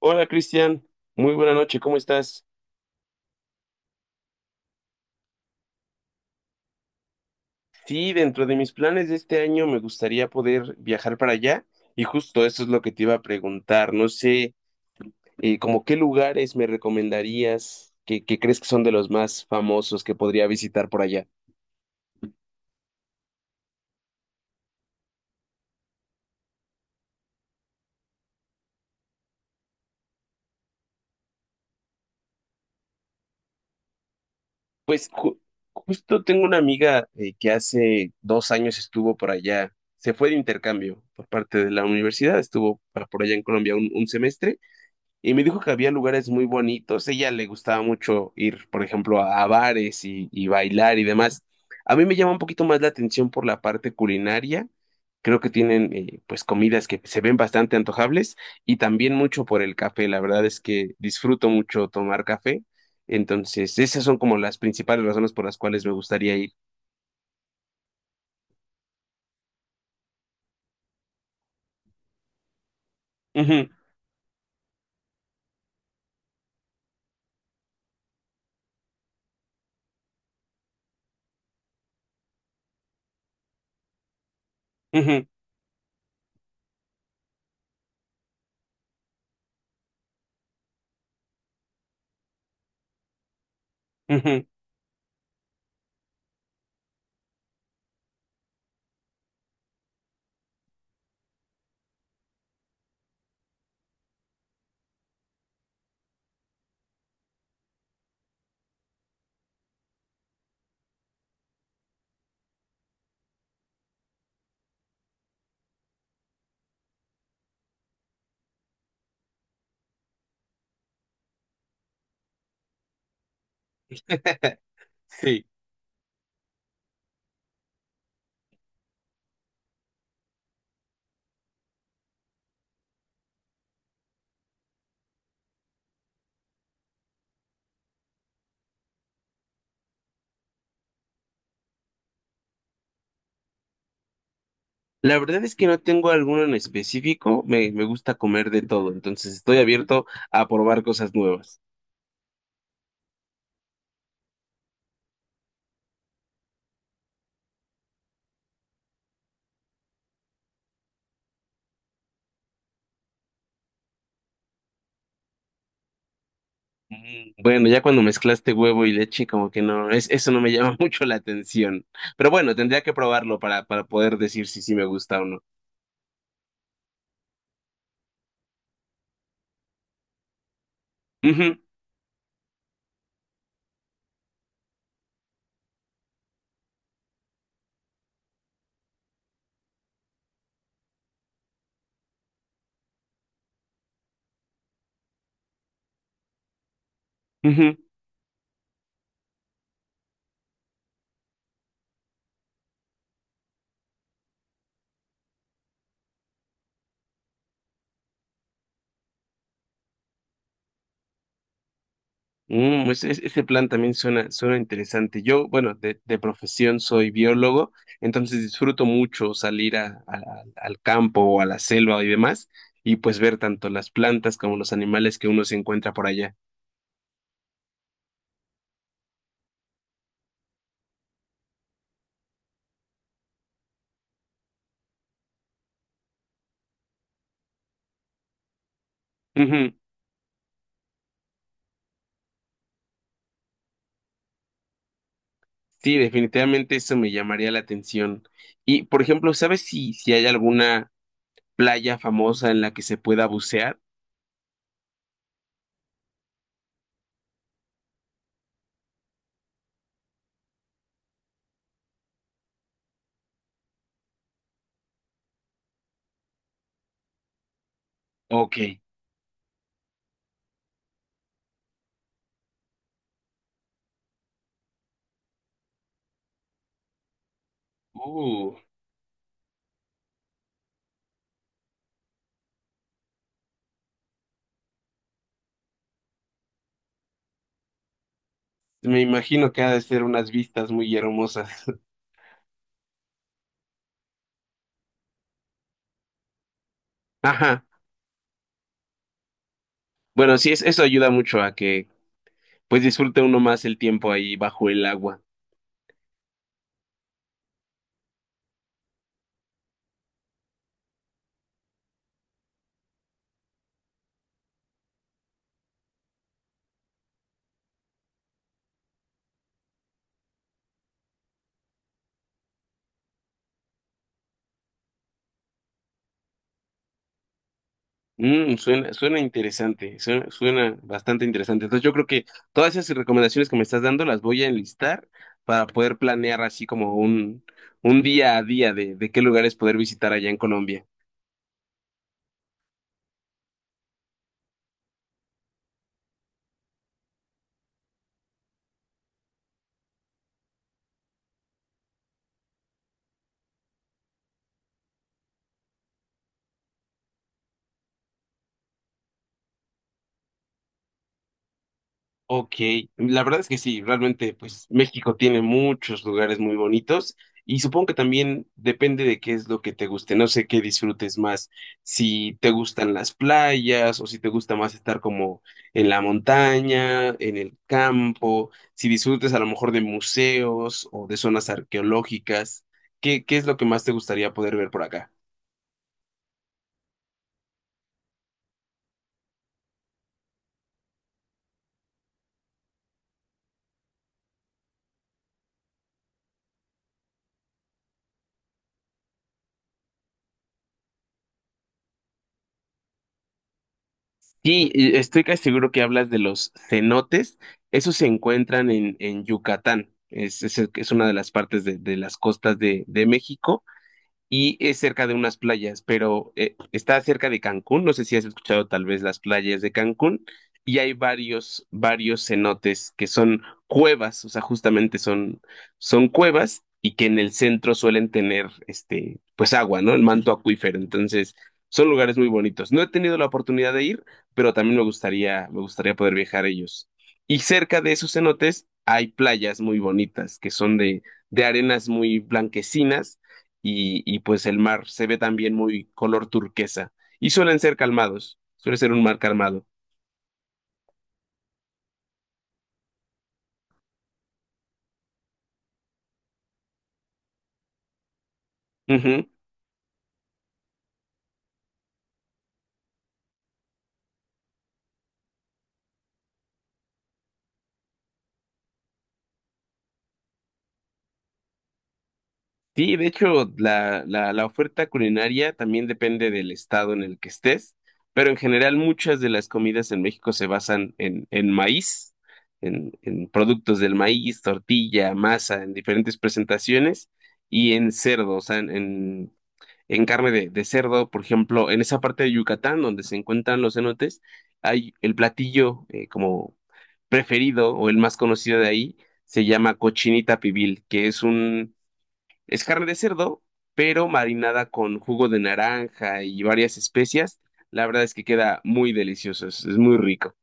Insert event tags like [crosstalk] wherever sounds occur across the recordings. Hola Cristian, muy buena noche, ¿cómo estás? Sí, dentro de mis planes de este año me gustaría poder viajar para allá y justo eso es lo que te iba a preguntar. No sé, como qué lugares me recomendarías que crees que son de los más famosos que podría visitar por allá. Pues justo tengo una amiga que hace dos años estuvo por allá, se fue de intercambio por parte de la universidad, estuvo por allá en Colombia un semestre y me dijo que había lugares muy bonitos. Ella le gustaba mucho ir, por ejemplo, a bares y bailar y demás. A mí me llama un poquito más la atención por la parte culinaria. Creo que tienen pues comidas que se ven bastante antojables y también mucho por el café. La verdad es que disfruto mucho tomar café. Entonces, esas son como las principales razones por las cuales me gustaría ir. Ujú, ujú, ujú. [laughs] Sí. La verdad es que no tengo alguno en específico, me gusta comer de todo, entonces estoy abierto a probar cosas nuevas. Mm, bueno, ya cuando mezclaste huevo y leche, como que no, es, eso no me llama [laughs] mucho la atención. Pero bueno, tendría que probarlo para poder decir si sí me gusta o no. Ujú, ujú. Mm, pues ese plan también suena, suena interesante. Yo, bueno, de profesión soy biólogo, entonces disfruto mucho salir al campo o a la selva y demás, y pues ver tanto las plantas como los animales que uno se encuentra por allá. Ujú. Sí, definitivamente eso me llamaría la atención. Y, por ejemplo, ¿sabes si hay alguna playa famosa en la que se pueda bucear? Ok. Uh, me imagino que ha de ser unas vistas muy hermosas. [laughs] Ajá. Bueno, sí, es, eso ayuda mucho a que pues disfruta uno más el tiempo ahí bajo el agua. Mm, suena, suena interesante, suena, suena bastante interesante. Entonces yo creo que todas esas recomendaciones que me estás dando las voy a enlistar para poder planear así como un día a día de qué lugares poder visitar allá en Colombia. Ok, la verdad es que sí, realmente pues México tiene muchos lugares muy bonitos y supongo que también depende de qué es lo que te guste, no sé qué disfrutes más, si te gustan las playas o si te gusta más estar como en la montaña, en el campo, si disfrutes a lo mejor de museos o de zonas arqueológicas, ¿ qué es lo que más te gustaría poder ver por acá? Sí, y estoy casi seguro que hablas de los cenotes. Esos se encuentran en Yucatán. Es una de las partes de las costas de México y es cerca de unas playas, pero está cerca de Cancún. No sé si has escuchado tal vez las playas de Cancún. Y hay varios, varios cenotes que son cuevas, o sea, justamente son, son cuevas y que en el centro suelen tener, este, pues agua, ¿no? El manto acuífero. Entonces, son lugares muy bonitos. No he tenido la oportunidad de ir, pero también me gustaría poder viajar a ellos. Y cerca de esos cenotes hay playas muy bonitas que son de arenas muy blanquecinas y pues el mar se ve también muy color turquesa y suelen ser calmados, suele ser un mar calmado. Ujú. Sí, de hecho, la oferta culinaria también depende del estado en el que estés, pero en general muchas de las comidas en México se basan en maíz, en productos del maíz, tortilla, masa, en diferentes presentaciones y en cerdo, o sea, en carne de cerdo, por ejemplo, en esa parte de Yucatán donde se encuentran los cenotes, hay el platillo como preferido o el más conocido de ahí, se llama cochinita pibil, que es un, es carne de cerdo, pero marinada con jugo de naranja y varias especias. La verdad es que queda muy delicioso, es muy rico.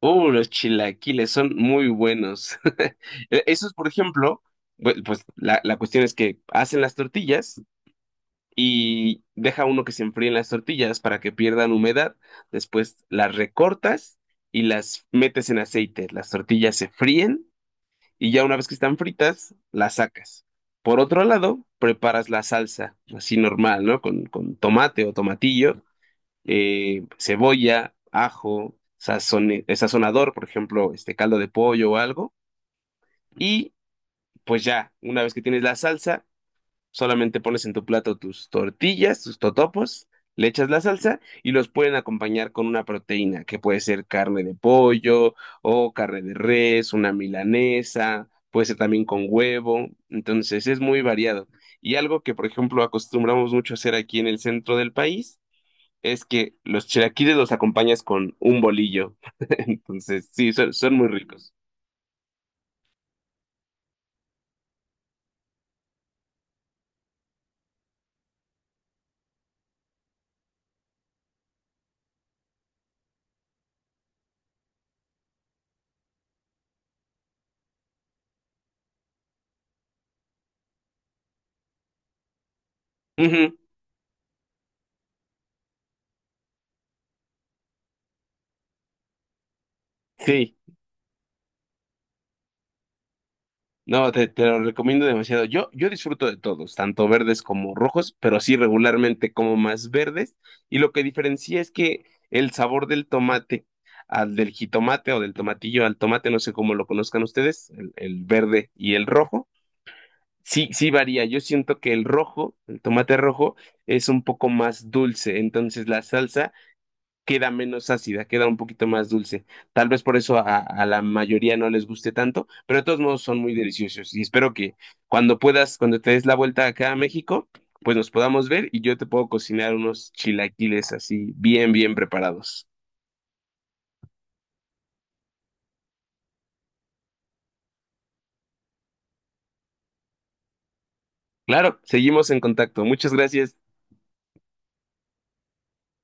Los chilaquiles son muy buenos. [laughs] Esos, por ejemplo, pues la cuestión es que hacen las tortillas, y deja uno que se enfríen las tortillas para que pierdan humedad. Después las recortas y las metes en aceite. Las tortillas se fríen y ya una vez que están fritas, las sacas. Por otro lado, preparas la salsa, así normal, ¿no? Con tomate o tomatillo, cebolla, ajo, sazonador, por ejemplo, este caldo de pollo o algo. Y pues ya, una vez que tienes la salsa, solamente pones en tu plato tus tortillas, tus totopos, le echas la salsa y los pueden acompañar con una proteína, que puede ser carne de pollo o carne de res, una milanesa, puede ser también con huevo. Entonces es muy variado. Y algo que, por ejemplo, acostumbramos mucho a hacer aquí en el centro del país es que los chilaquiles los acompañas con un bolillo. [laughs] Entonces, sí, son, son muy ricos. Ujú, sí. No, te lo recomiendo demasiado. Yo disfruto de todos, tanto verdes como rojos, pero sí regularmente como más verdes. Y lo que diferencia es que el sabor del tomate al del jitomate o del tomatillo al tomate, no sé cómo lo conozcan ustedes, el verde y el rojo, sí, sí varía. Yo siento que el rojo, el tomate rojo, es un poco más dulce. Entonces la salsa queda menos ácida, queda un poquito más dulce. Tal vez por eso a la mayoría no les guste tanto, pero de todos modos son muy deliciosos y espero que cuando puedas, cuando te des la vuelta acá a México, pues nos podamos ver y yo te puedo cocinar unos chilaquiles así bien, bien preparados. Claro, seguimos en contacto. Muchas gracias.